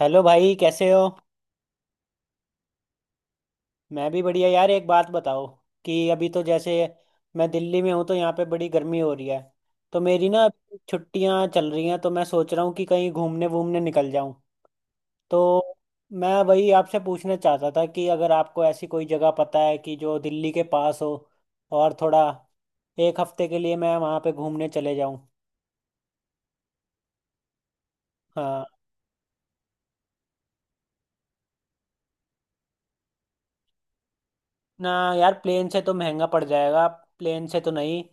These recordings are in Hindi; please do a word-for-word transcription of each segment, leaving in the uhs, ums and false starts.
हेलो भाई, कैसे हो। मैं भी बढ़िया यार, एक बात बताओ कि अभी तो जैसे मैं दिल्ली में हूँ तो यहाँ पे बड़ी गर्मी हो रही है। तो मेरी ना छुट्टियाँ चल रही हैं, तो मैं सोच रहा हूँ कि कहीं घूमने वूमने निकल जाऊँ। तो मैं वही आपसे पूछना चाहता था कि अगर आपको ऐसी कोई जगह पता है कि जो दिल्ली के पास हो और थोड़ा एक हफ्ते के लिए मैं वहाँ पे घूमने चले जाऊँ। हाँ। ना यार, प्लेन से तो महंगा पड़ जाएगा। प्लेन से तो नहीं,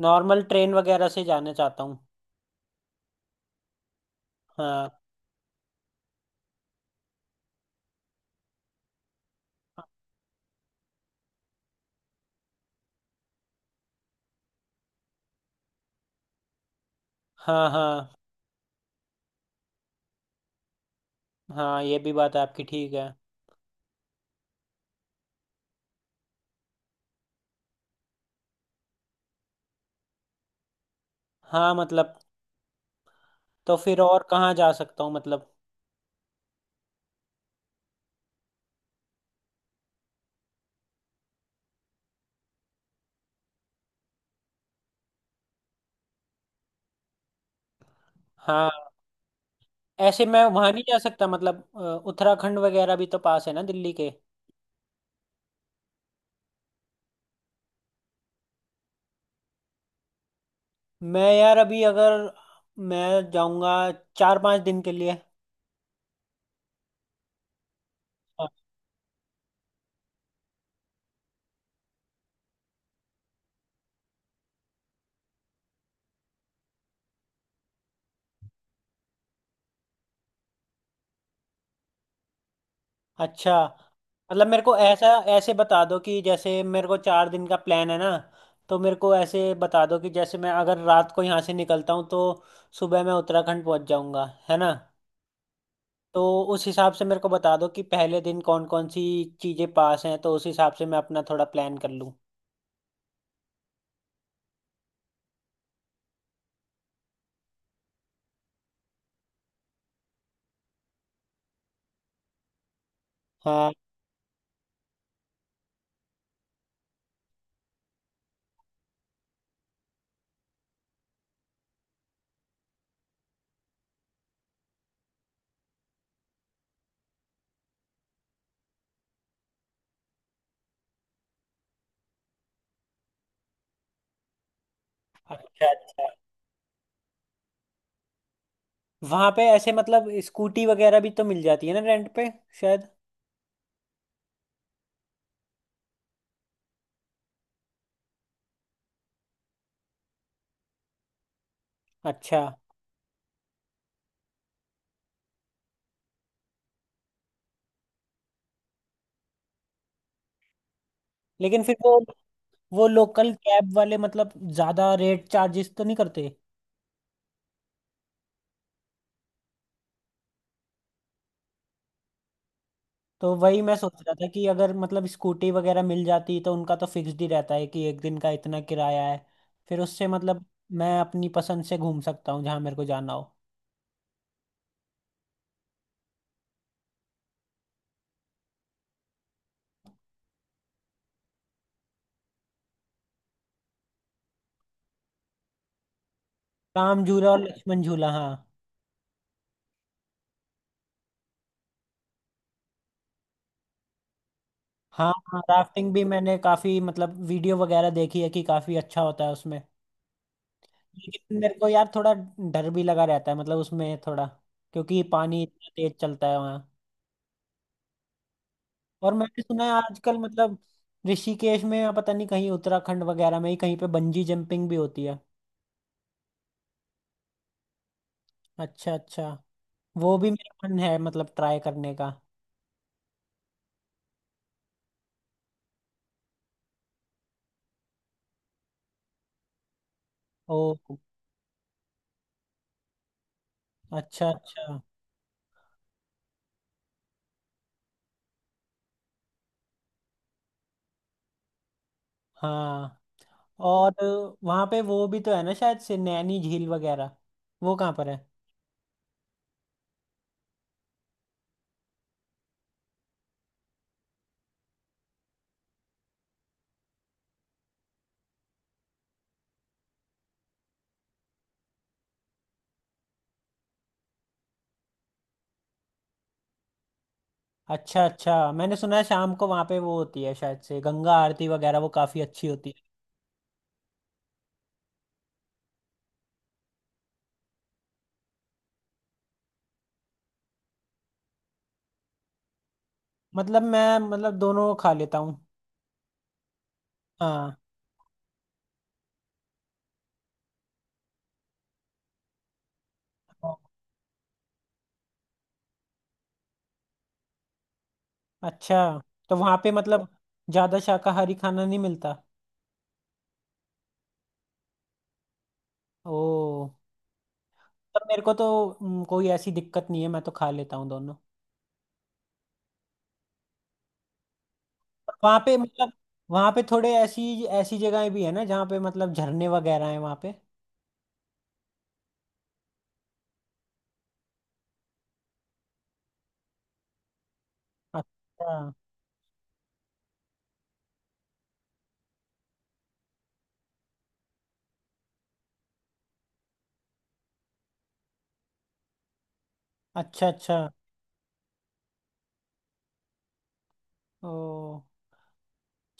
नॉर्मल ट्रेन वगैरह से जाना चाहता हूँ। हाँ हाँ। हाँ हाँ, ये भी बात आपकी ठीक है। हाँ मतलब, तो फिर और कहाँ जा सकता हूँ मतलब। हाँ, ऐसे मैं वहाँ नहीं जा सकता मतलब। अ, उत्तराखंड वगैरह भी तो पास है ना दिल्ली के। मैं यार अभी अगर मैं जाऊँगा चार पाँच दिन के लिए। हाँ, अच्छा। मतलब मेरे को ऐसा ऐसे बता दो कि जैसे मेरे को चार दिन का प्लान है ना, तो मेरे को ऐसे बता दो कि जैसे मैं अगर रात को यहाँ से निकलता हूँ तो सुबह मैं उत्तराखंड पहुँच जाऊँगा, है ना। तो उस हिसाब से मेरे को बता दो कि पहले दिन कौन कौन सी चीजें पास हैं, तो उस हिसाब से मैं अपना थोड़ा प्लान कर लूँ। हाँ। अच्छा अच्छा। वहां पे ऐसे मतलब स्कूटी वगैरह भी तो मिल जाती है ना रेंट पे, शायद। अच्छा। लेकिन फिर वो वो लोकल कैब वाले मतलब ज्यादा रेट चार्जेस तो नहीं करते। तो वही मैं सोच रहा था कि अगर मतलब स्कूटी वगैरह मिल जाती तो उनका तो फिक्स्ड ही रहता है कि एक दिन का इतना किराया है। फिर उससे मतलब मैं अपनी पसंद से घूम सकता हूँ जहाँ मेरे को जाना हो। राम झूला और लक्ष्मण झूला, हाँ। हाँ हाँ, राफ्टिंग भी मैंने काफी मतलब वीडियो वगैरह देखी है कि काफी अच्छा होता है उसमें। लेकिन मेरे को यार थोड़ा डर भी लगा रहता है मतलब उसमें थोड़ा, क्योंकि पानी इतना तेज चलता है वहाँ। और मैंने सुना है आजकल मतलब ऋषिकेश में या पता नहीं कहीं उत्तराखंड वगैरह में ही कहीं पे बंजी जंपिंग भी होती है। अच्छा अच्छा, वो भी मेरा मन है मतलब ट्राई करने का। ओ, अच्छा अच्छा। हाँ और वहाँ पे वो भी तो है ना शायद से, नैनी झील वगैरह। वो कहाँ पर है। अच्छा अच्छा, मैंने सुना है शाम को वहाँ पे वो होती है शायद से गंगा आरती वगैरह, वो काफ़ी अच्छी होती है। मतलब मैं मतलब दोनों खा लेता हूँ। हाँ। अच्छा, तो वहाँ पे मतलब ज़्यादा शाकाहारी खाना नहीं मिलता। ओ। पर मेरे को तो हम्म, कोई ऐसी दिक्कत नहीं है, मैं तो खा लेता हूँ दोनों। पर वहाँ पे मतलब वहाँ पे थोड़े ऐसी ऐसी जगहें भी है ना जहाँ पे मतलब झरने वगैरह हैं वहाँ पे। अच्छा अच्छा। अच्छा। ओ,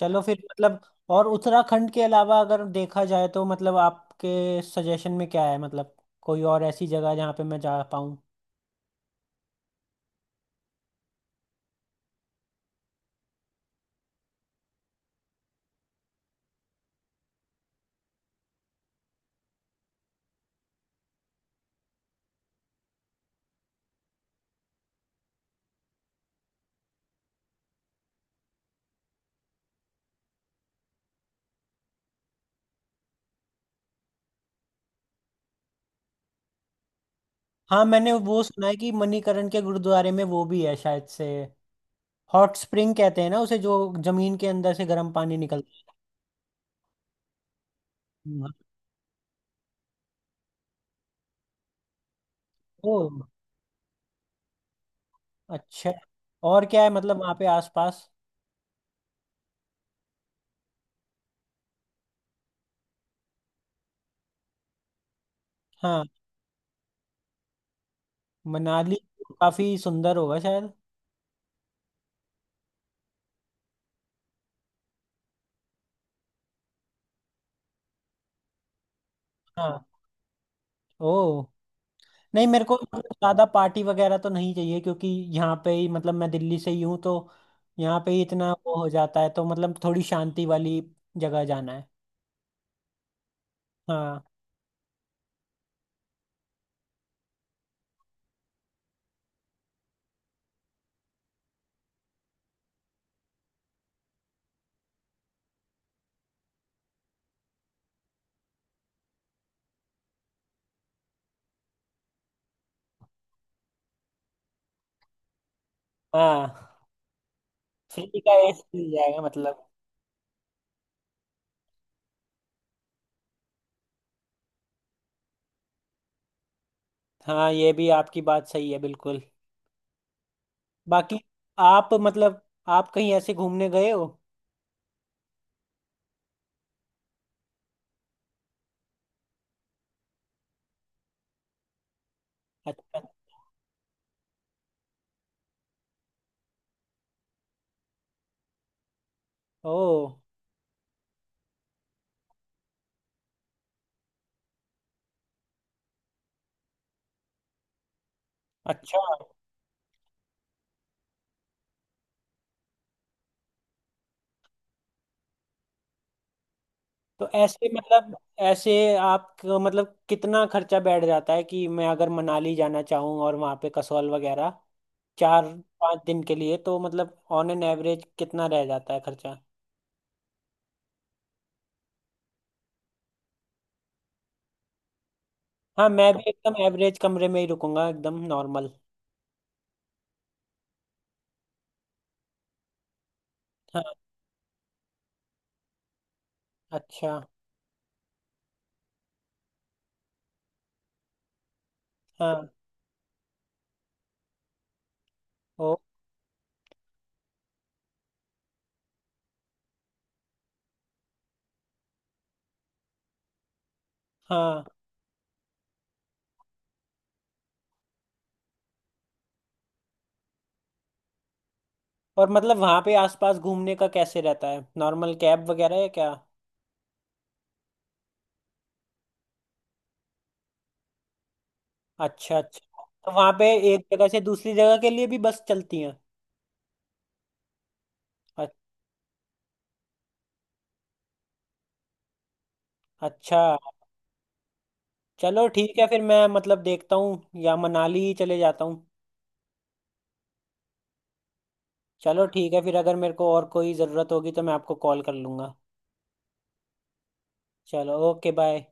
चलो फिर मतलब, और उत्तराखंड के अलावा अगर देखा जाए तो मतलब आपके सजेशन में क्या है मतलब, कोई और ऐसी जगह जहाँ पे मैं जा पाऊँ। हाँ मैंने वो सुना है कि मणिकरण के गुरुद्वारे में वो भी है शायद से, हॉट स्प्रिंग कहते हैं ना उसे, जो जमीन के अंदर से गर्म पानी निकलता है। ओ, अच्छा। और क्या है मतलब वहाँ पे आसपास। हाँ, मनाली। काफी सुंदर होगा शायद। हाँ। ओ, नहीं मेरे को मतलब ज्यादा पार्टी वगैरह तो नहीं चाहिए, क्योंकि यहाँ पे ही मतलब मैं दिल्ली से ही हूँ तो यहाँ पे ही इतना वो हो जाता है, तो मतलब थोड़ी शांति वाली जगह जाना है। हाँ। हाँ फ्री का एसी मिल जाएगा मतलब। हाँ, ये भी आपकी बात सही है बिल्कुल। बाकी आप मतलब आप कहीं ऐसे घूमने गए हो। अच्छा। ओ, अच्छा। तो ऐसे मतलब, ऐसे आप मतलब कितना खर्चा बैठ जाता है कि मैं अगर मनाली जाना चाहूँ और वहाँ पे कसौल वगैरह, चार पाँच दिन के लिए तो मतलब ऑन एन एवरेज कितना रह जाता है खर्चा। हाँ मैं भी एकदम एवरेज कमरे में ही रुकूंगा एकदम नॉर्मल। हाँ। अच्छा। हाँ। ओ। हाँ। और मतलब वहाँ पे आसपास घूमने का कैसे रहता है, नॉर्मल कैब वगैरह है क्या। अच्छा अच्छा, तो वहाँ पे एक जगह से दूसरी जगह के लिए भी बस चलती हैं। अ-। अच्छा। चलो ठीक है फिर, मैं मतलब देखता हूँ या मनाली ही चले जाता हूँ। चलो ठीक है फिर, अगर मेरे को और कोई ज़रूरत होगी तो मैं आपको कॉल कर लूँगा। चलो ओके बाय।